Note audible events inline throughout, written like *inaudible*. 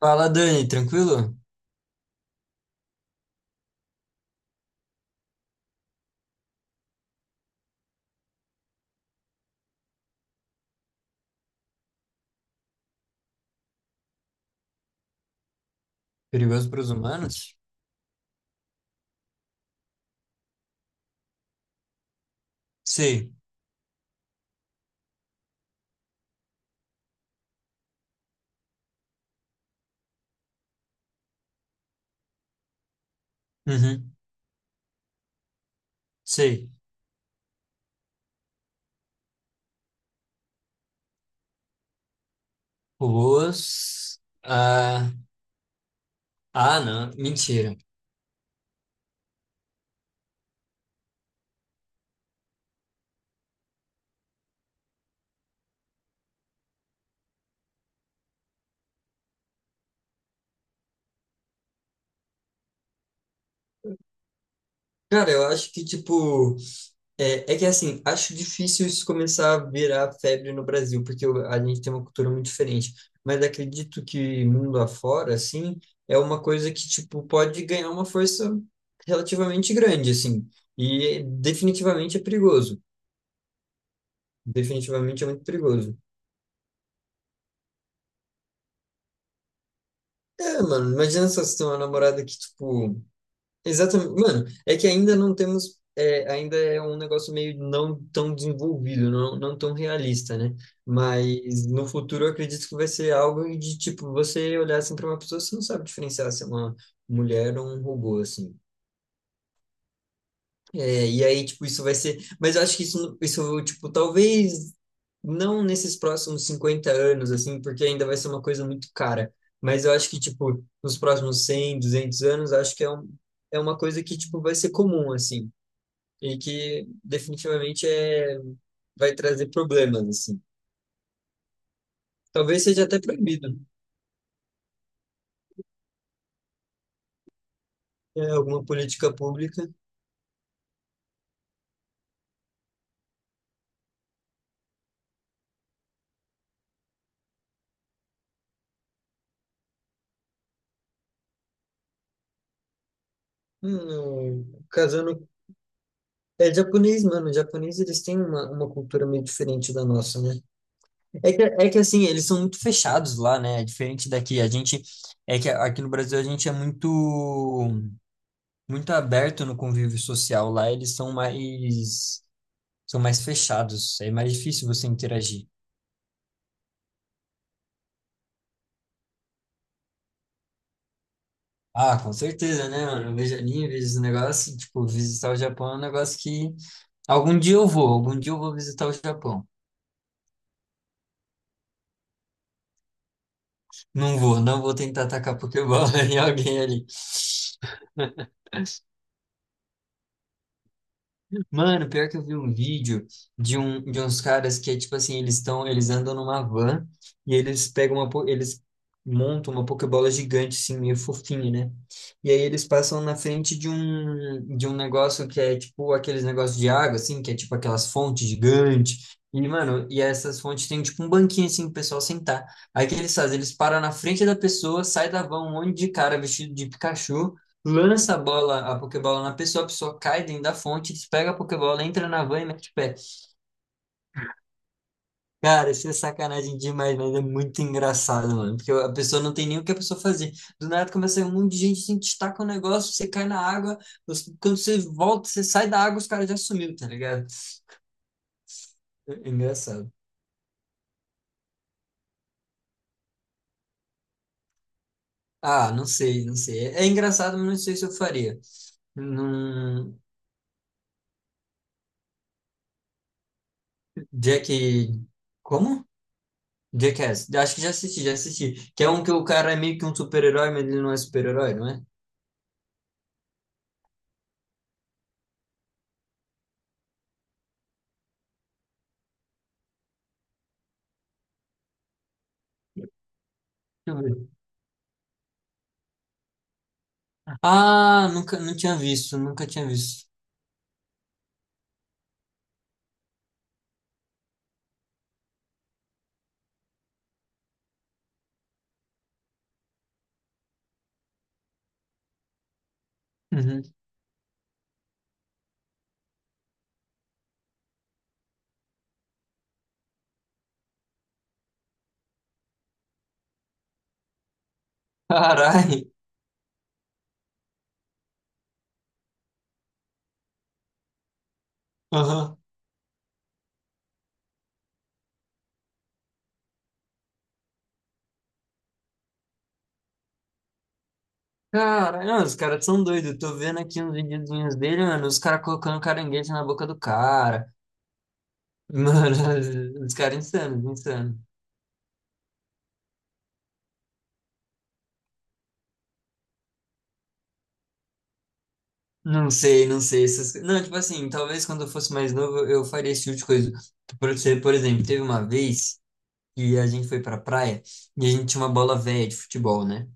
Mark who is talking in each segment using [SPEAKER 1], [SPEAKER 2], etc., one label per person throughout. [SPEAKER 1] Fala, Dani, tranquilo? Perigoso para os humanos? Sei. Uhum. Sei. Robôs. Ah, ah, não. Mentira. Cara, eu acho que, tipo, é que assim, acho difícil isso começar a virar febre no Brasil, porque a gente tem uma cultura muito diferente. Mas acredito que mundo afora, assim, é uma coisa que, tipo, pode ganhar uma força relativamente grande, assim. E definitivamente é perigoso. Definitivamente é muito perigoso. É, mano, imagina só se tem uma namorada que, tipo. Exatamente. Mano, é que ainda não temos. É, ainda é um negócio meio não tão desenvolvido, não, não tão realista, né? Mas no futuro eu acredito que vai ser algo de, tipo, você olhar assim pra uma pessoa, você não sabe diferenciar se é uma mulher ou um robô, assim. É, e aí, tipo, isso vai ser. Mas eu acho que isso, tipo, talvez não nesses próximos 50 anos, assim, porque ainda vai ser uma coisa muito cara. Mas eu acho que, tipo, nos próximos 100 200 anos, acho que é uma coisa que, tipo, vai ser comum, assim. E que definitivamente é, vai trazer problemas, assim. Talvez seja até proibido, né? É, alguma política pública. Hum, casando. É japonês, mano. Japonês, eles têm uma cultura meio diferente da nossa, né? É que assim, eles são muito fechados lá, né? É diferente daqui. A gente é que aqui no Brasil a gente é muito muito aberto no convívio social. Lá eles são mais fechados. É mais difícil você interagir. Ah, com certeza, né, mano? Eu vejo anime, vejo esse negócio, assim, tipo, visitar o Japão é um negócio que algum dia eu vou, algum dia eu vou visitar o Japão. Não vou, não vou tentar atacar Pokébola *laughs* em alguém ali. Mano, pior que eu vi um vídeo de, um, de uns caras que é tipo assim, eles estão, eles andam numa van e eles pegam uma, eles montam uma pokebola gigante assim, meio fofinha, né? E aí eles passam na frente de um negócio que é tipo aqueles negócios de água assim, que é tipo aquelas fontes gigantes. E, mano, e essas fontes tem tipo um banquinho assim pro pessoal sentar. Aí o que eles fazem? Eles param na frente da pessoa, sai da van um monte de cara vestido de Pikachu lança a bola, a Pokébola na pessoa, a pessoa cai dentro da fonte, pega a Pokébola, entra na van e mete o pé. Cara, isso é sacanagem demais, mas é muito engraçado, mano. Porque a pessoa não tem nem o que a pessoa fazer. Do nada começa a sair um monte de gente, assim, te taca o um negócio, você cai na água, você- quando você volta, você sai da água, os caras já sumiu, tá ligado? É engraçado. Ah, não sei, não sei. É engraçado, mas não sei se eu faria. Num... Jack. Como? Jackass, acho que já assisti, já assisti. Que é um que o cara é meio que um super-herói, mas ele não é super-herói, não é? Deixa eu ver. Ah, nunca, não tinha visto, nunca tinha visto. Uhum. Carai. Aham. Caralho, não, os caras são doidos. Eu tô vendo aqui uns videozinhos dele, mano, os caras colocando caranguejo na boca do cara. Mano, *laughs* os caras insanos, insanos. Não sei, não sei. Essas... co- Não, tipo assim, talvez quando eu fosse mais novo eu faria esse tipo de coisa. Por, ser- por exemplo, teve uma vez. E a gente foi pra praia e a gente tinha uma bola velha de futebol, né?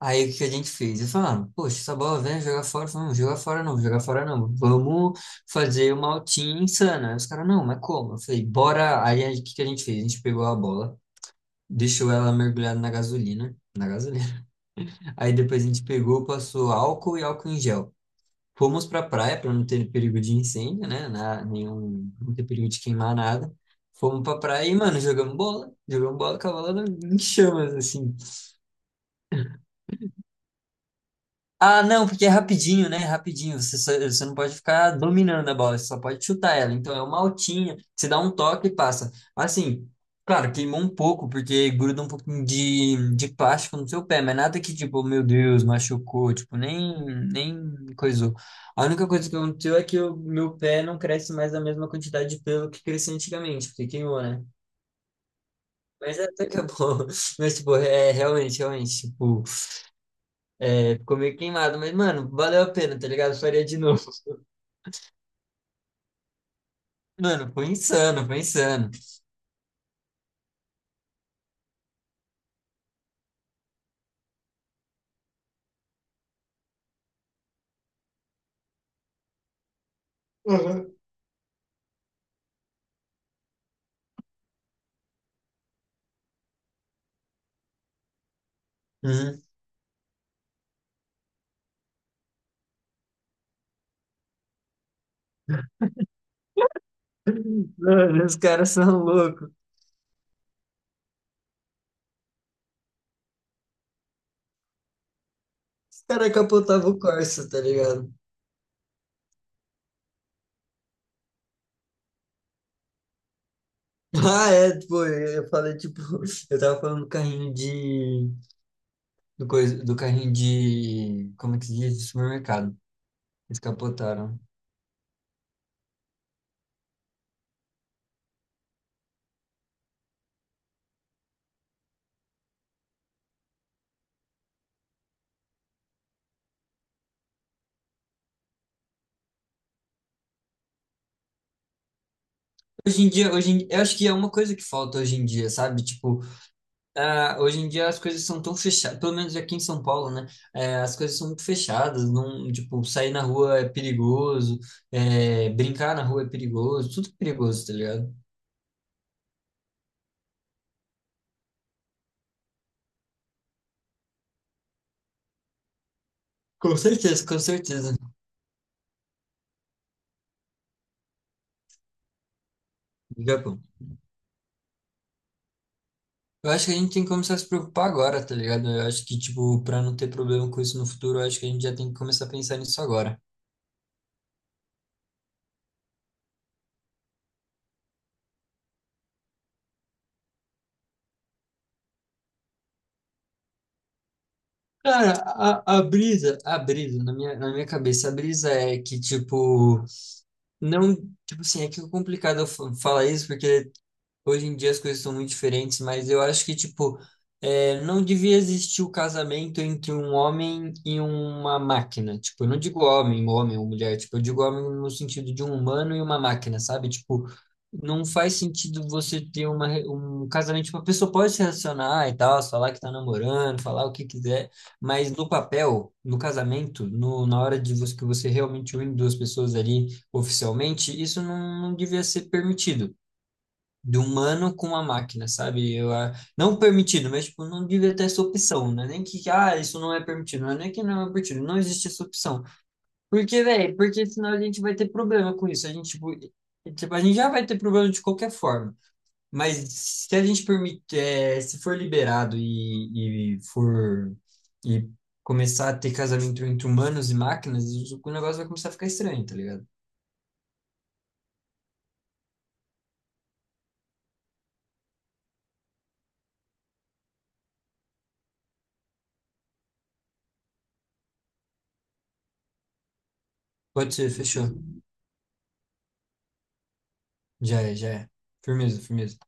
[SPEAKER 1] Aí o que a gente fez? Eles falaram, poxa, essa bola velha, é jogar fora. Eu falei, não, jogar fora não, jogar fora não. Vamos fazer uma altinha insana. Aí Os caras, não, mas como? Eu falei, bora. Aí, o que que a gente fez? A gente pegou a bola, deixou ela mergulhada na gasolina. Na gasolina. *laughs* Aí depois a gente pegou, passou álcool e álcool em gel. Fomos para a praia para não ter perigo de incêndio, né? Na, nenhum, não ter perigo de queimar nada. Fomos para a praia e, mano, jogamos bola. Jogamos bola com a bola em chamas, assim. Ah, não, porque é rapidinho, né? Rapidinho. Você, só- você não pode ficar dominando a bola, você só pode chutar ela. Então é uma altinha, você dá um toque e passa. Assim, claro, queimou um pouco, porque gruda um pouquinho de plástico no seu pé, mas nada que, tipo, meu Deus, machucou, tipo, nem, coisou. A única coisa que aconteceu é que o meu pé não cresce mais a mesma quantidade de pelo que crescia antigamente, porque queimou, né? Mas até que é bom. *laughs* Mas, tipo, é realmente, realmente, tipo. É, ficou meio queimado, mas, mano, valeu a pena, tá ligado? Eu faria de novo. *laughs* Mano, foi insano, foi insano. Uhum. Uhum. Mano, os caras são loucos. Os caras capotavam o Corsa, tá ligado? *laughs* Ah, é, pô, eu falei, tipo, *laughs* eu tava falando do carrinho de. Do, coisa, do carrinho de. Como é que se diz? De supermercado. Eles capotaram. Hoje em dia, eu acho que é uma coisa que falta hoje em dia, sabe? Tipo, ah, hoje em dia as coisas são tão fechadas, pelo menos aqui em São Paulo, né? É, as coisas são muito fechadas, não, tipo, sair na rua é perigoso, é, brincar na rua é perigoso, tudo é perigoso, tá ligado? Com certeza, com certeza. Japão. Eu acho que a gente tem que começar a se preocupar agora, tá ligado? Eu acho que, tipo, pra não ter problema com isso no futuro, eu acho que a gente já tem que começar a pensar nisso agora. Cara, a brisa, na minha cabeça, a brisa é que, tipo, não, tipo assim, é que é complicado eu falar isso, porque hoje em dia as coisas são muito diferentes, mas eu acho que, tipo, é, não devia existir o casamento entre um homem e uma máquina. Tipo, eu não digo homem, homem ou mulher, tipo, eu digo homem no sentido de um humano e uma máquina, sabe? Tipo, não faz sentido você ter um casamento, tipo, a pessoa pode se relacionar e tal, falar que tá namorando, falar o que quiser, mas no papel, no casamento, no, na hora de você, que você realmente une duas pessoas ali oficialmente, isso não, não devia ser permitido. De humano com a máquina, sabe? Eu, ah, não permitido, mas tipo, não devia ter essa opção, né? Nem que, ah, isso não é permitido, não é nem que não é permitido, não existe essa opção. Porque, velho, porque senão a gente vai ter problema com isso. A gente, tipo, e, tipo, a gente já vai ter problema de qualquer forma. Mas se a gente permite, eh, se for liberado e for e começar a ter casamento entre humanos e máquinas, o negócio vai começar a ficar estranho, tá ligado? Pode ser, fechou. Já é, já é. Firmeza, firmeza.